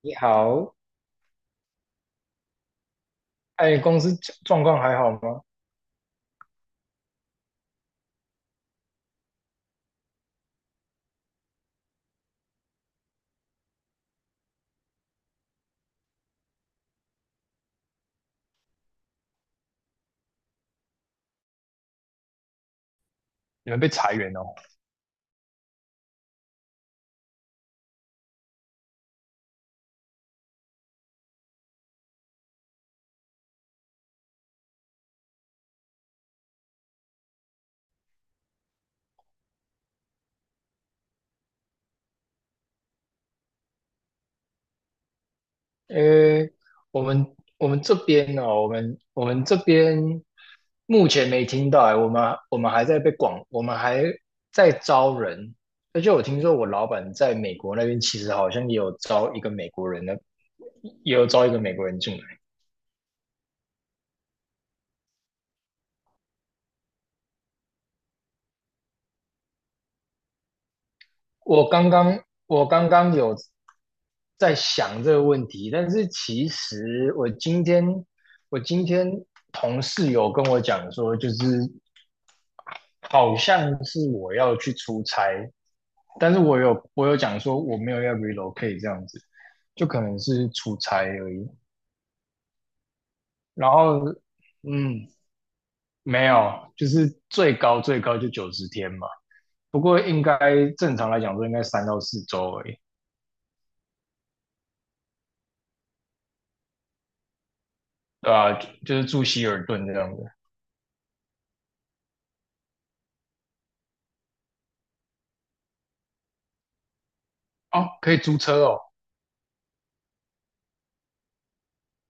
你好，哎，公司状况还好吗？你们被裁员哦？呃，我们这边哦，我们这边目前没听到哎，我们还在招人，而且我听说我老板在美国那边其实好像也有招一个美国人呢，也有招一个美国人进来。我刚刚有在想这个问题，但是其实我今天同事有跟我讲说，就是好像是我要去出差，但是我有讲说我没有要 relocate 这样子，就可能是出差而已。然后，嗯，没有，就是最高就90天嘛，不过应该正常来讲说应该3到4周而已，对啊，就是住希尔顿这样子。哦，可以租车哦。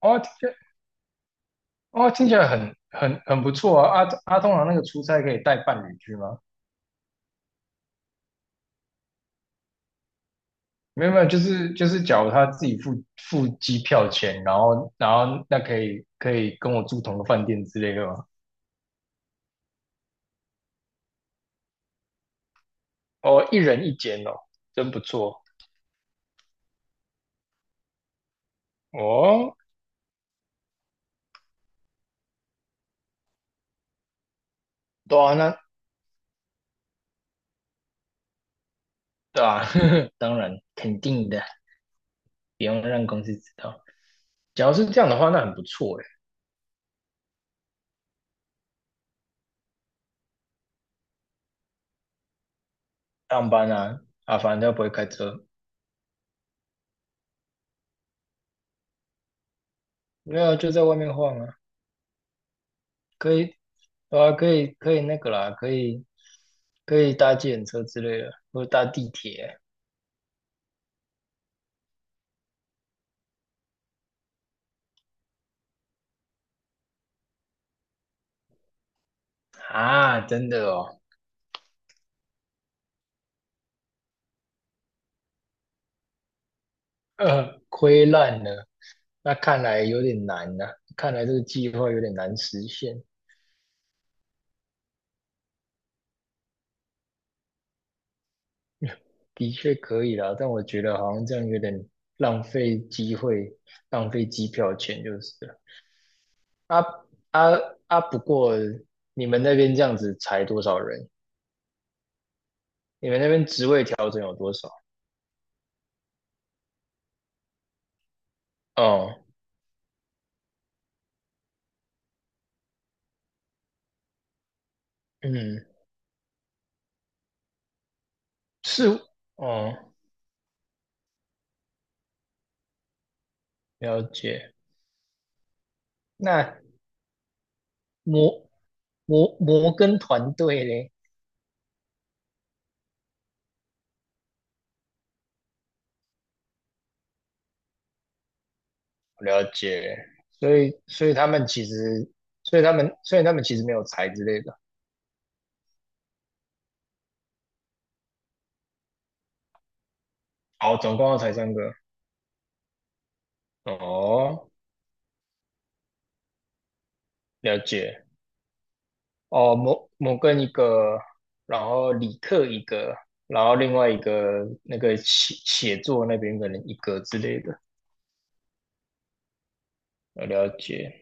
哦，哦，听起来很不错啊！通常那个出差可以带伴侣去吗？没有没有，就是，假如他自己付机票钱，然后那可以跟我住同个饭店之类的吗？哦，一人一间哦，真不错哦。对啊，那对啊，当然肯定的，不用让公司知道。假如是这样的话，那很不错诶。上班啊，啊，反正他不会开车，没有就在外面晃啊，可以对啊，可以那个啦，可以搭计程车之类的，或者搭地铁啊，真的哦，亏烂了，那看来有点难呐、看来这个计划有点难实现。的确可以啦，但我觉得好像这样有点浪费机会，浪费机票钱就是了。啊啊啊！不过你们那边这样子裁多少人？你们那边职位调整有多少？哦，嗯，是，哦，了解。那摩摩根团队嘞，了解。所以他们其实，所以他们其实没有裁之类的。哦，总共要裁三个。哦，了解。哦，摩根一个，然后理克一个，然后另外一个那个写作那边可能一个之类的，了解。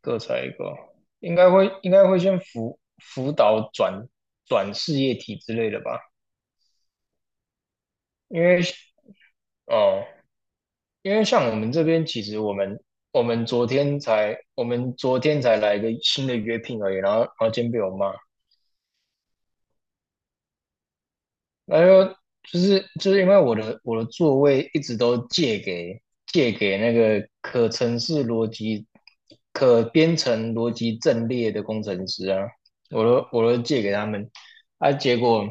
各裁一个。应该会先辅导转事业体之类的吧，因为哦，因为像我们这边，其实我们昨天才来一个新的约聘而已，然后今天被我骂，然后就是因为我的座位一直都借给那个可编程逻辑阵列的工程师啊，我都借给他们啊，结果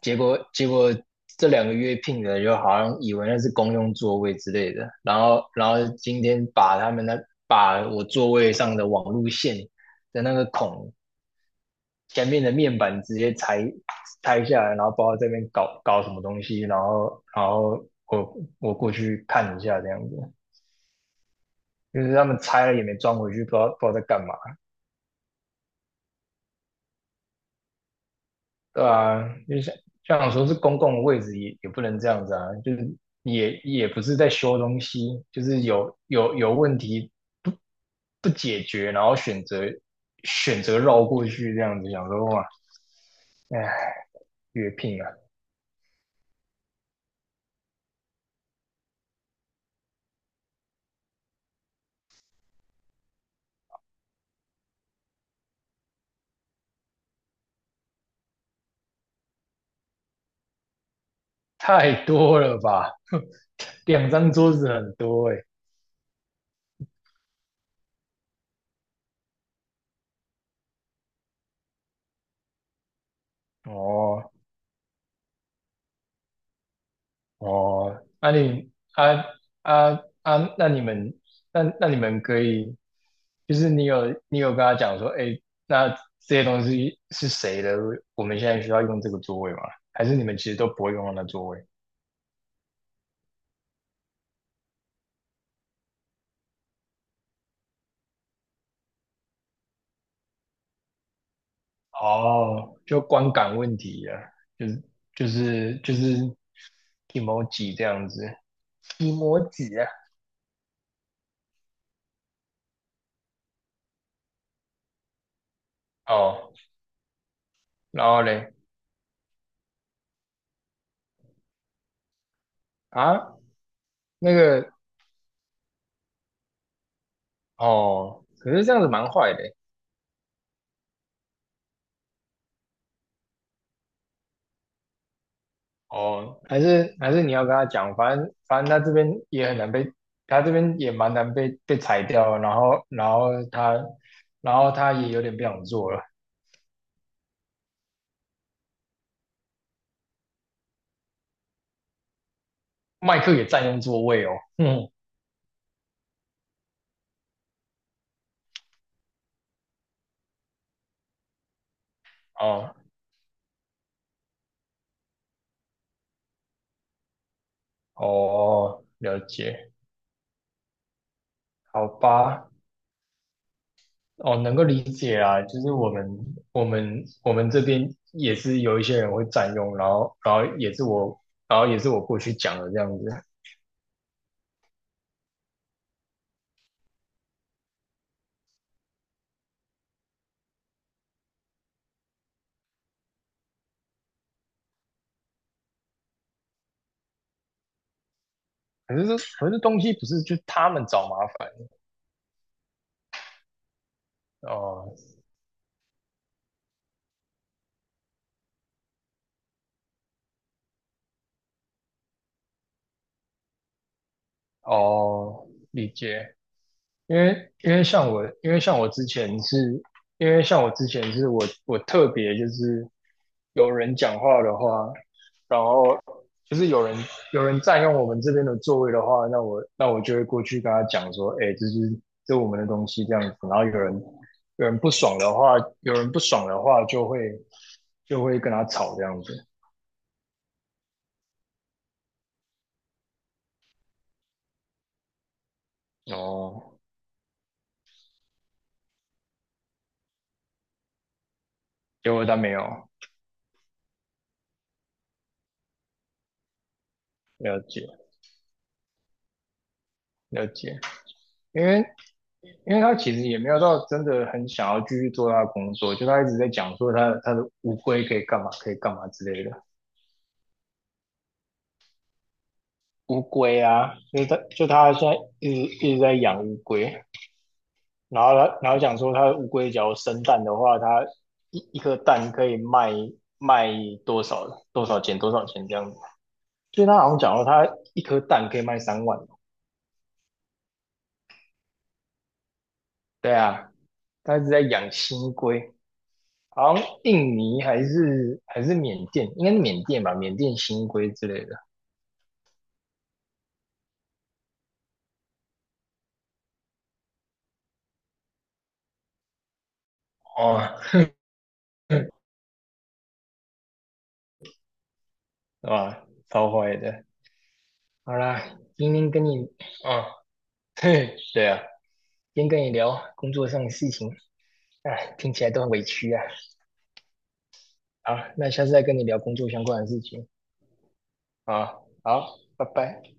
结果结果这2个月聘的就好像以为那是公用座位之类的，然后今天把他们那把我座位上的网路线的那个孔前面的面板直接拆下来，然后包括这边搞什么东西，然后我过去看一下这样子，就是他们拆了也没装回去，不知道在干嘛，对啊，就像说是公共的位置也不能这样子啊，就是也不是在修东西，就是有问题不不解决，然后选择绕过去这样子，想说哇，哎，越拼啊。太多了吧？两张桌子很多哎、哦哦，那、你啊啊啊，那你们那你们可以，就是你有跟他讲说，哎，那这些东西是谁的？我们现在需要用这个座位吗？还是你们其实都不会用到那座位？哦，就观感问题啊，就是就是 emoji 这样子，emoji 啊。哦，然后嘞啊，那个哦，可是这样子蛮坏的欸哦，还是你要跟他讲，反正他这边也蛮难被裁掉，然后然后他然后他也有点不想做了，麦克也占用座位哦。嗯，哦哦，了解，好吧，哦，能够理解啊，就是我们这边也是有一些人会占用，然后然后也是我然后也是我过去讲的这样子。可是东西不是就他们找麻烦哦哦，理解。因为因为像我，因为像我之前是，因为像我之前是我特别就是有人讲话的话，然后就是有人占用我们这边的座位的话，那我就会过去跟他讲说，哎，这是我们的东西这样子。然后有人不爽的话，有人不爽的话，就会跟他吵这样子。哦，结果他没有了解。了解，因为因为他其实也没有到真的很想要继续做他的工作，就他一直在讲说他的乌龟可以干嘛，可以干嘛之类的。乌龟啊，就是他现在一直在养乌龟，然后他讲说他的乌龟只要生蛋的话，他一颗蛋可以卖多少钱这样子。所以他好像讲说他一颗蛋可以卖3万。对啊，他一直在养新龟。好像印尼还是缅甸，应该是缅甸吧，缅甸新规之类的。哦，哇，超坏的。好啦，今天跟你，哦，对啊，今天跟你聊工作上的事情，哎，听起来都很委屈啊。好，那下次再跟你聊工作相关的事情。啊，好，拜拜。